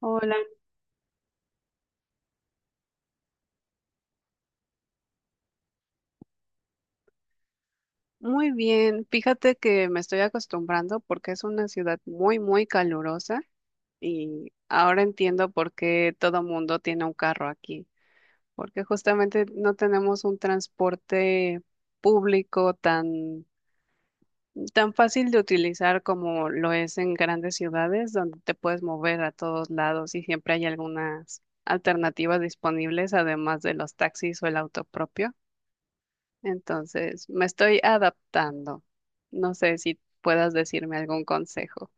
Hola, muy bien. Fíjate que me estoy acostumbrando porque es una ciudad muy, muy calurosa y ahora entiendo por qué todo mundo tiene un carro aquí, porque justamente no tenemos un transporte público tan, tan fácil de utilizar como lo es en grandes ciudades donde te puedes mover a todos lados y siempre hay algunas alternativas disponibles además de los taxis o el auto propio. Entonces, me estoy adaptando. No sé si puedas decirme algún consejo.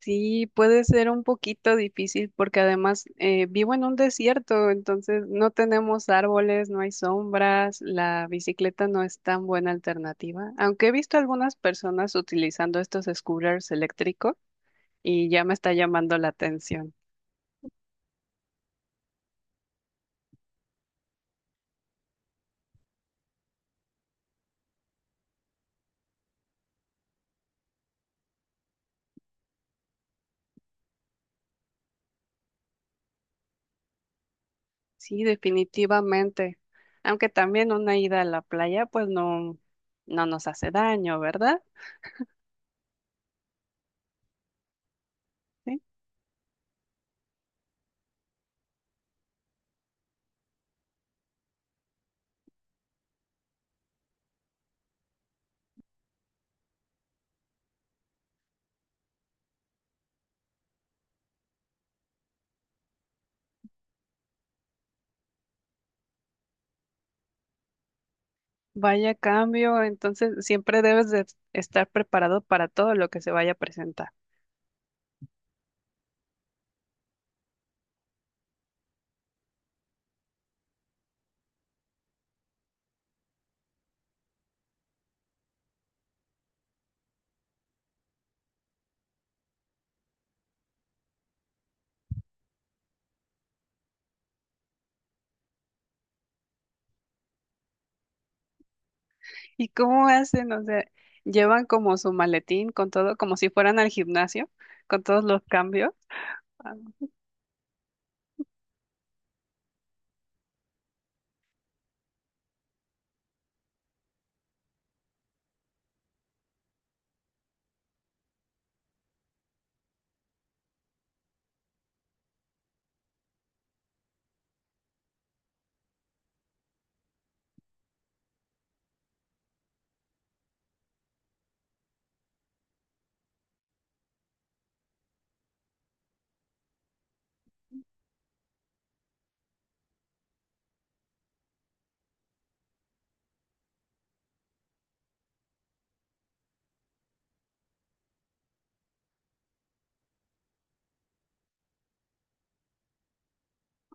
Sí, puede ser un poquito difícil porque además vivo en un desierto, entonces no tenemos árboles, no hay sombras, la bicicleta no es tan buena alternativa, aunque he visto algunas personas utilizando estos scooters eléctricos y ya me está llamando la atención. Sí, definitivamente. Aunque también una ida a la playa, pues no, no nos hace daño, ¿verdad? Sí. Vaya cambio, entonces siempre debes de estar preparado para todo lo que se vaya a presentar. ¿Y cómo hacen? O sea, llevan como su maletín con todo, como si fueran al gimnasio, con todos los cambios. Ah.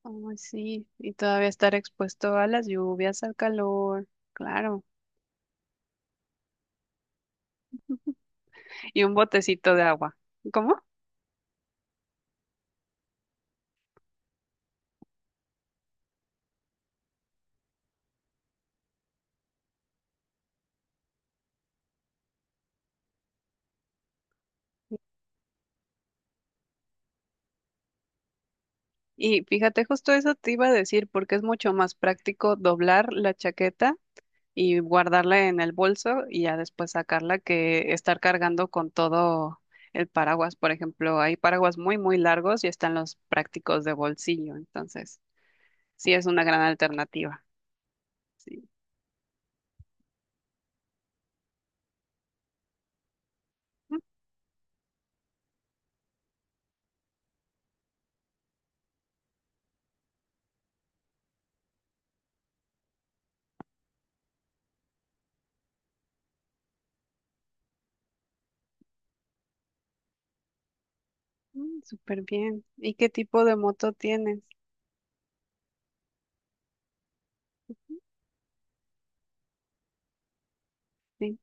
Ay, sí, y todavía estar expuesto a las lluvias, al calor, claro, y un botecito de agua. ¿Cómo? Y fíjate, justo eso te iba a decir, porque es mucho más práctico doblar la chaqueta y guardarla en el bolso y ya después sacarla que estar cargando con todo el paraguas. Por ejemplo, hay paraguas muy, muy largos y están los prácticos de bolsillo. Entonces, sí es una gran alternativa. Sí. Ujú, súper bien. ¿Y qué tipo de moto tienes? Sí.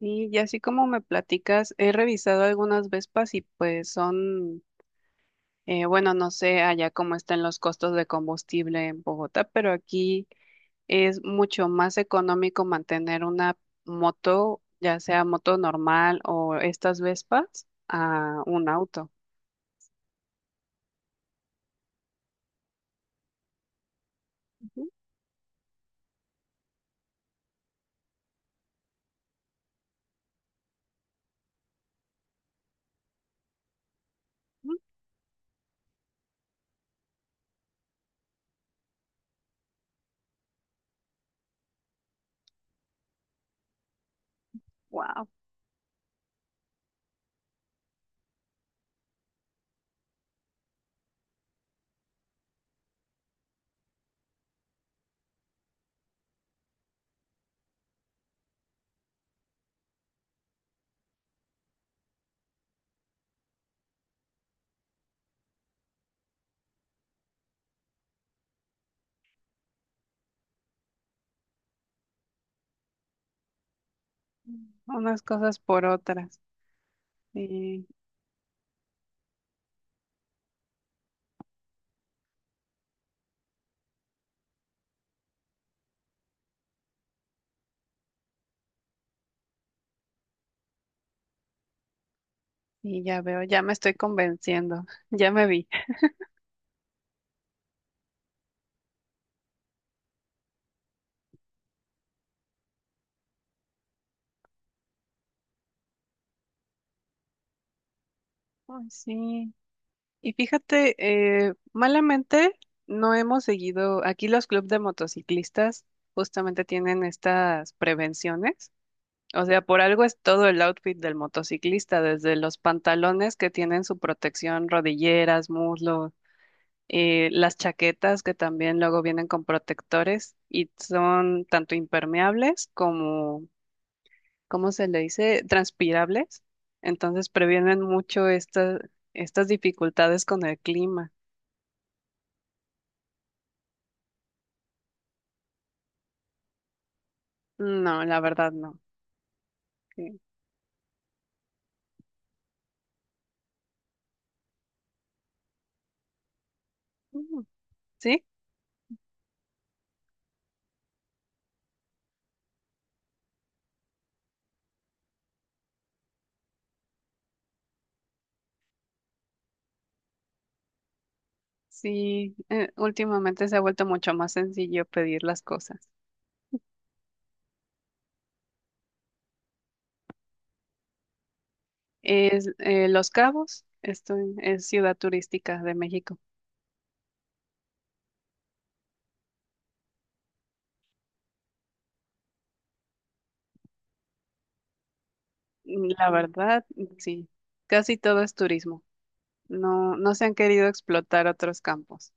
Y así como me platicas, he revisado algunas Vespas y pues son, bueno, no sé allá cómo están los costos de combustible en Bogotá, pero aquí es mucho más económico mantener una moto, ya sea moto normal o estas Vespas, a un auto. Wow, unas cosas por otras. Sí, y ya veo, ya me estoy convenciendo, ya me vi. Ay, sí. Y fíjate, malamente no hemos seguido, aquí los clubes de motociclistas justamente tienen estas prevenciones. O sea, por algo es todo el outfit del motociclista, desde los pantalones que tienen su protección, rodilleras, muslos, las chaquetas que también luego vienen con protectores y son tanto impermeables como, ¿cómo se le dice? Transpirables. Entonces previenen mucho esta- estas dificultades con el clima. No, la verdad no. Sí. Mm, sí, sí, últimamente se ha vuelto mucho más sencillo pedir las cosas. Es Los Cabos, esto es ciudad turística de México. Mm, la verdad, sí, casi todo es turismo. No, no se han querido explotar otros campos.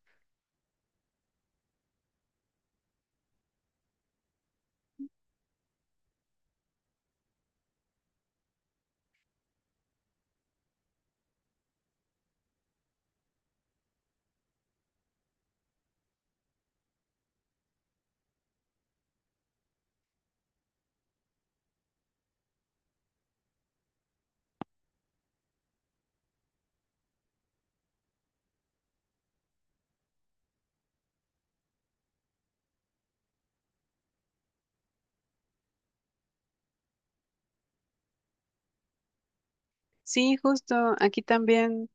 Sí, justo aquí también,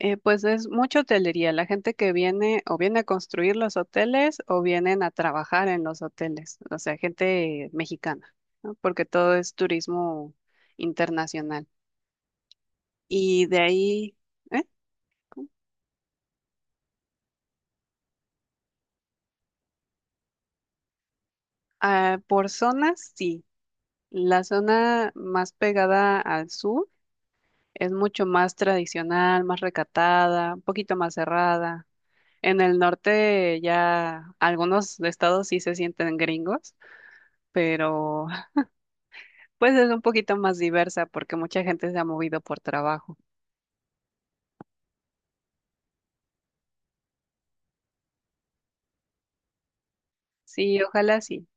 pues es mucha hotelería. La gente que viene o viene a construir los hoteles o vienen a trabajar en los hoteles, o sea, gente mexicana, ¿no? Porque todo es turismo internacional. Y de ahí, ¿eh? Ah, por zonas, sí. La zona más pegada al sur es mucho más tradicional, más recatada, un poquito más cerrada. En el norte ya algunos estados sí se sienten gringos, pero pues es un poquito más diversa porque mucha gente se ha movido por trabajo. Sí, ojalá sí.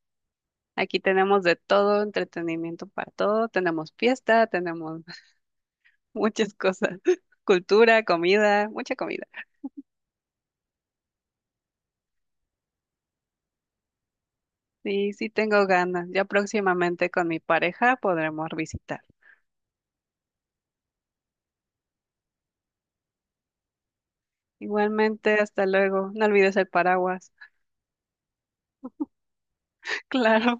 Aquí tenemos de todo, entretenimiento para todo, tenemos fiesta, tenemos muchas cosas, cultura, comida, mucha comida. Sí, sí tengo ganas. Ya próximamente con mi pareja podremos visitar. Igualmente, hasta luego. No olvides el paraguas. Claro.